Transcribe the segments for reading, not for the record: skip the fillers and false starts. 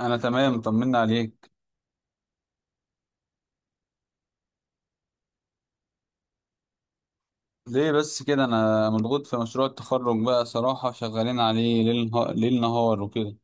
انا تمام، طمنا عليك. ليه بس كده؟ انا مضغوط في مشروع التخرج، بقى صراحة شغالين عليه ليل نهار، وكده.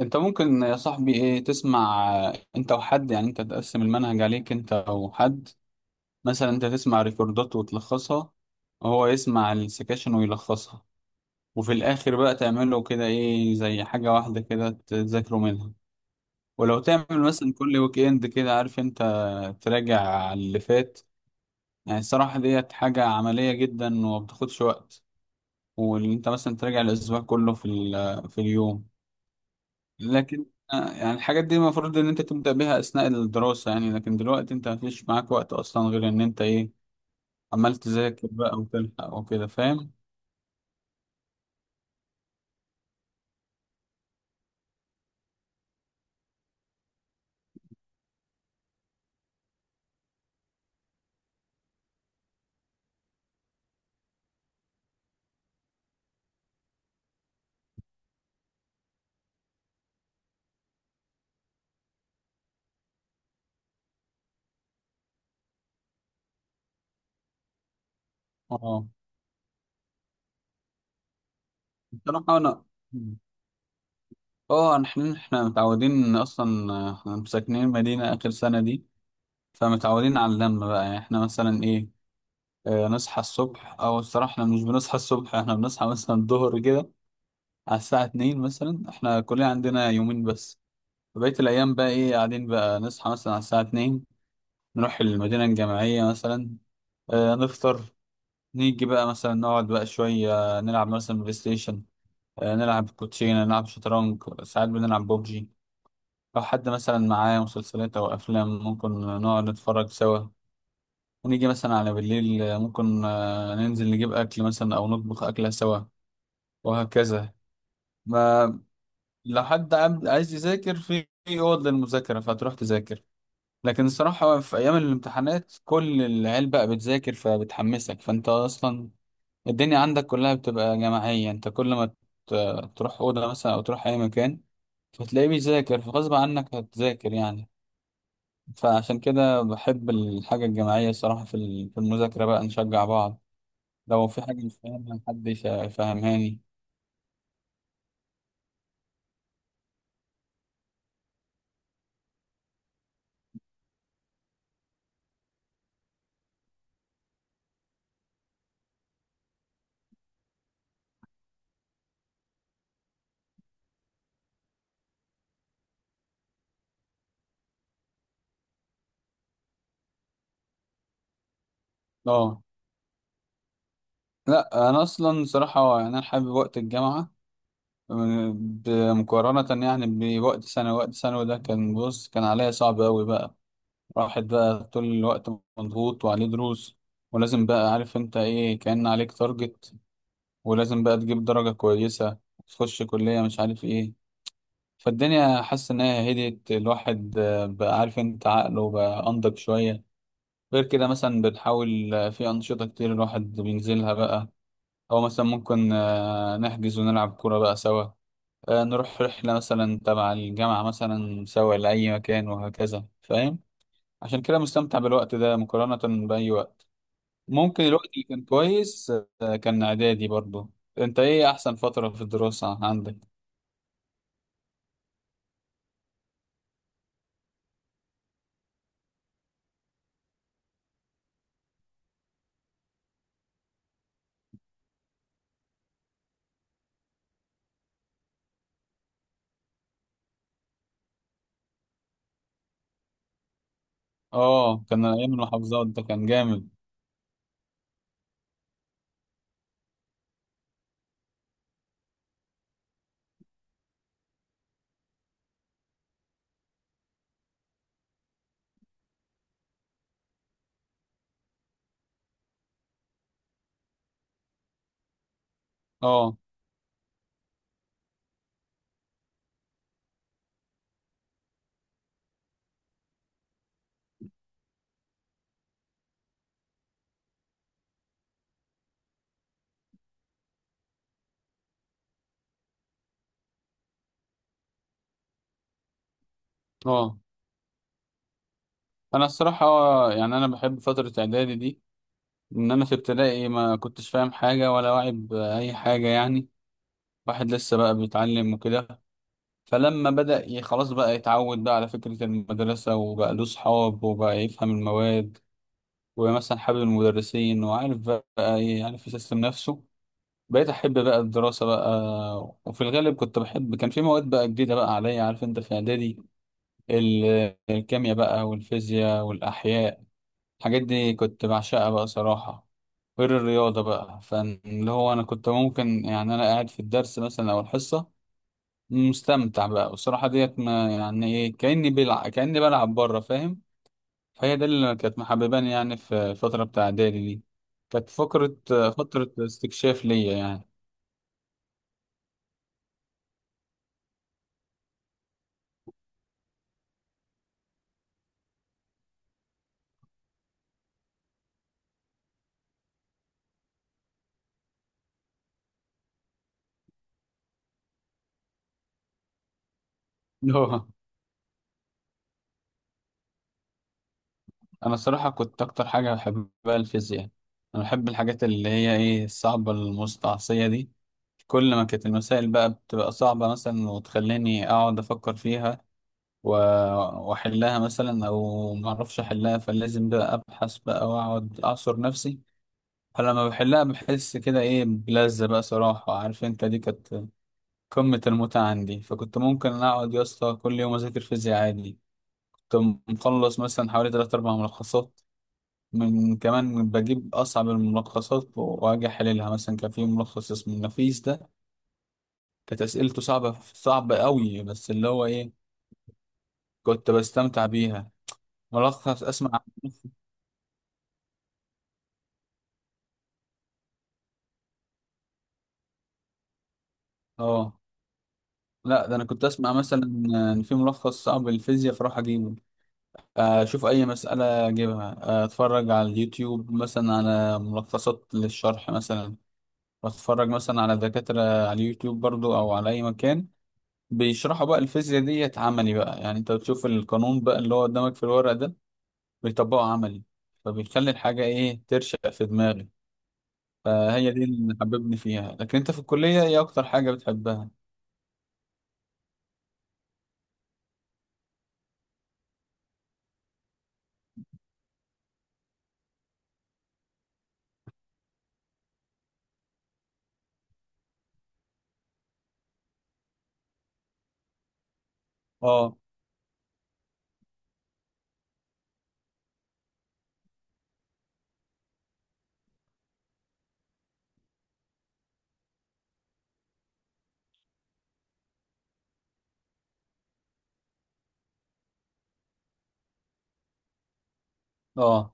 انت ممكن يا صاحبي ايه، تسمع انت وحد، يعني انت تقسم المنهج عليك انت او حد. مثلا انت تسمع ريكوردات وتلخصها، وهو يسمع السكاشن ويلخصها، وفي الاخر بقى تعمله كده ايه زي حاجة واحدة كده تذاكروا منها. ولو تعمل مثلا كل ويك اند كده، عارف انت، تراجع على اللي فات، يعني الصراحة ديت حاجة عملية جدا وما بتاخدش وقت. واللي انت مثلا تراجع الأسبوع كله في في اليوم. لكن يعني الحاجات دي المفروض ان انت تبدأ بيها أثناء الدراسة يعني، لكن دلوقتي انت مفيش معاك وقت أصلا غير ان انت ايه، عمال تذاكر بقى وتلحق وكده، فاهم. اه، الصراحة انا اه، إن احنا متعودين اصلا، احنا ساكنين مدينة آخر سنة دي، فمتعودين على اللمة بقى. يعني احنا مثلا ايه، نصحى الصبح، او الصراحه احنا مش بنصحى الصبح، احنا بنصحى مثلا الظهر كده، على الساعه 2 مثلا. احنا كلنا عندنا يومين بس، بقيه الايام بقى ايه، قاعدين بقى نصحى مثلا على الساعه 2، نروح المدينه الجامعيه مثلا، نفطر، نيجي بقى مثلا نقعد بقى شويه، نلعب مثلا بلاي ستيشن، نلعب كوتشينه، نلعب شطرنج، ساعات بنلعب ببجي. لو حد مثلا معاه مسلسلات او افلام، ممكن نقعد نتفرج سوا. ونيجي مثلا على بالليل ممكن ننزل نجيب اكل مثلا، او نطبخ اكله سوا، وهكذا. ما لو حد عايز يذاكر في اوض للمذاكره، فتروح تذاكر. لكن الصراحه في ايام الامتحانات كل العيال بقى بتذاكر، فبتحمسك، فانت اصلا الدنيا عندك كلها بتبقى جماعيه. انت كل ما تروح اوضه مثلا او تروح اي مكان، فتلاقيه بيذاكر، فغصب عنك هتذاكر يعني. فعشان كده بحب الحاجه الجماعيه، الصراحه في في المذاكره بقى نشجع بعض، لو في حاجه مش فاهمها حد يفهمهاني. اه، لا انا اصلا صراحه يعني انا حابب وقت الجامعه مقارنه يعني بوقت ثانوي. وقت ثانوي ده كان، بص، كان عليا صعب قوي بقى، راحت بقى طول الوقت مضغوط وعليه دروس، ولازم بقى، عارف انت ايه، كان عليك تارجت، ولازم بقى تجيب درجه كويسه، تخش كليه مش عارف ايه. فالدنيا حاسس ان هي هديت الواحد، بقى عارف انت عقله بقى انضج شويه. غير كده مثلا بنحاول في انشطه كتير الواحد بينزلها بقى، أو مثلا ممكن نحجز ونلعب كورة بقى سوا، نروح رحلة مثلا تبع الجامعة مثلا سوا لأي مكان، وهكذا فاهم. عشان كده مستمتع بالوقت ده مقارنة بأي وقت. ممكن الوقت اللي كان كويس كان إعدادي برضو. أنت إيه أحسن فترة في الدراسة عندك؟ آه كان أيام المحافظات، ده كان جامد. آه. آه، أنا الصراحة يعني أنا بحب فترة إعدادي دي، إن أنا في ابتدائي ما كنتش فاهم حاجة ولا واعي بأي حاجة يعني، واحد لسه بقى بيتعلم وكده. فلما خلاص بقى يتعود بقى على فكرة المدرسة، وبقى له صحاب، وبقى يفهم المواد، ومثلا حابب المدرسين، وعارف بقى إيه، عارف يسيستم نفسه، بقيت أحب بقى الدراسة بقى. وفي الغالب كنت بحب، كان في مواد بقى جديدة بقى عليا، عارف أنت في إعدادي، الكيمياء بقى والفيزياء والأحياء، الحاجات دي كنت بعشقها بقى صراحة. غير الرياضة بقى، فاللي هو أنا كنت ممكن، يعني أنا قاعد في الدرس مثلا أو الحصة، مستمتع بقى، والصراحة ديت ما يعني ايه، كأني بلعب، كأني بلعب بره، فاهم. فهي ده اللي كانت محبباني يعني في الفترة بتاع إعدادي دي، كانت فكرة فترة استكشاف ليا يعني. اللي هو أنا الصراحة كنت أكتر حاجة بحبها الفيزياء. أنا بحب الحاجات اللي هي ايه، الصعبة المستعصية دي. كل ما كانت المسائل بقى بتبقى صعبة مثلا، وتخليني أقعد أفكر فيها، و- وأحلها مثلا، أو معرفش أحلها فلازم بقى أبحث بقى وأقعد أعصر نفسي. فلما بحلها بحس كده ايه بلذة بقى صراحة، عارف انت، دي كانت قمة المتعة عندي. فكنت ممكن اقعد يا اسطى كل يوم اذاكر فيزياء عادي. كنت مخلص مثلا حوالي تلات اربع ملخصات، من كمان بجيب اصعب الملخصات واجي احللها. مثلا كان في ملخص اسمه النفيس ده، كانت اسئلته صعبة صعبة قوي، بس اللي هو ايه، كنت بستمتع بيها. ملخص اسمع. اه، لا ده انا كنت اسمع مثلا ان في ملخص صعب للفيزياء فاروح اجيبه، اشوف اي مسألة اجيبها. اتفرج على اليوتيوب مثلا على ملخصات للشرح مثلا، واتفرج مثلا على دكاترة على اليوتيوب برضو او على اي مكان بيشرحوا بقى الفيزياء ديت عملي بقى. يعني انت بتشوف القانون بقى اللي هو قدامك في الورق ده بيطبقه عملي، فبيخلي الحاجة ايه ترشق في دماغي. فهي دي اللي حببني فيها. لكن انت في الكلية ايه اكتر حاجة بتحبها؟ اه. اه،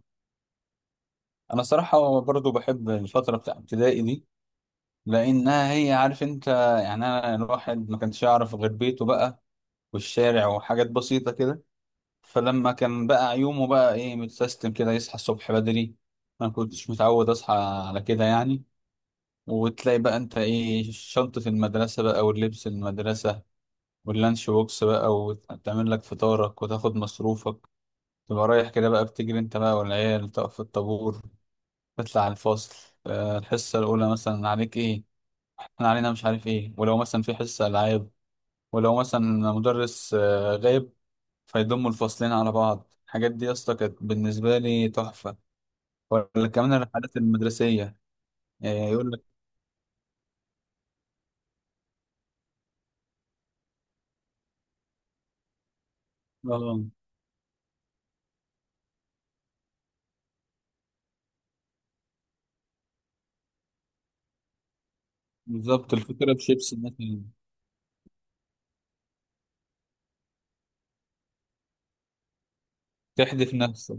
انا صراحة برضو بحب الفترة بتاع ابتدائي دي، لانها هي، عارف انت، يعني انا الواحد ما كانش يعرف غير بيته بقى والشارع وحاجات بسيطه كده. فلما كان بقى يومه بقى ايه متسيستم كده، يصحى الصبح بدري، انا ما كنتش متعود اصحى على كده يعني. وتلاقي بقى انت ايه شنطه المدرسه بقى واللبس المدرسه واللانش بوكس بقى، وتعمل لك فطارك وتاخد مصروفك، تبقى رايح كده بقى بتجري انت بقى، والعيال تقف في الطابور، تطلع على الفصل، الحصه الاولى مثلا عليك ايه، احنا علينا مش عارف ايه. ولو مثلا في حصة العاب، ولو مثلا مدرس غايب، فيضموا الفصلين على بعض، الحاجات دي يا اسطى كانت بالنسبة لي تحفة. ولا كمان الرحلات المدرسية. يقول لك. اه بالظبط، الفكرة بشيبسي مثلا. تحدف نفسك.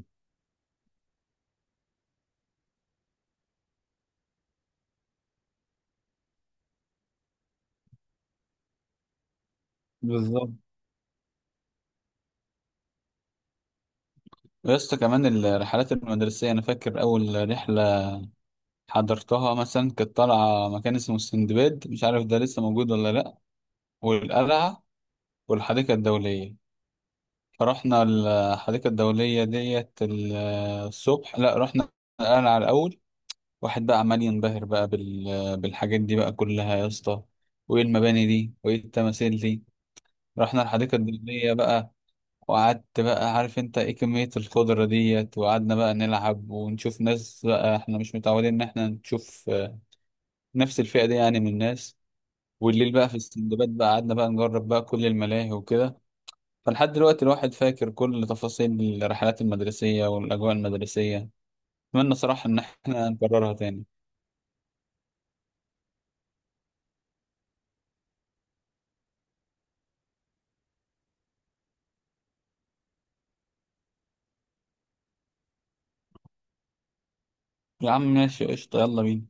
بالظبط. يا اسطى كمان الرحلات المدرسية، أنا فاكر أول رحلة حضرتها مثلا كانت طالعة مكان اسمه السندباد، مش عارف ده لسه موجود ولا لأ، والقلعة والحديقة الدولية. رحنا الحديقة الدولية ديت الصبح، لا رحنا القلعة الأول. واحد بقى عمال ينبهر بقى بالحاجات دي بقى كلها يا اسطى، وإيه المباني دي وإيه التماثيل دي. رحنا الحديقة الدولية بقى، وقعدت بقى، عارف أنت إيه كمية الخضرة ديت، وقعدنا بقى نلعب ونشوف ناس بقى، إحنا مش متعودين إن إحنا نشوف نفس الفئة دي يعني من الناس. والليل بقى في السندباد بقى قعدنا بقى نجرب بقى كل الملاهي وكده. فلحد دلوقتي الواحد فاكر كل تفاصيل الرحلات المدرسية والأجواء المدرسية، أتمنى صراحة إن إحنا نكررها تاني. يا عم ماشي قشطة، يلا بينا.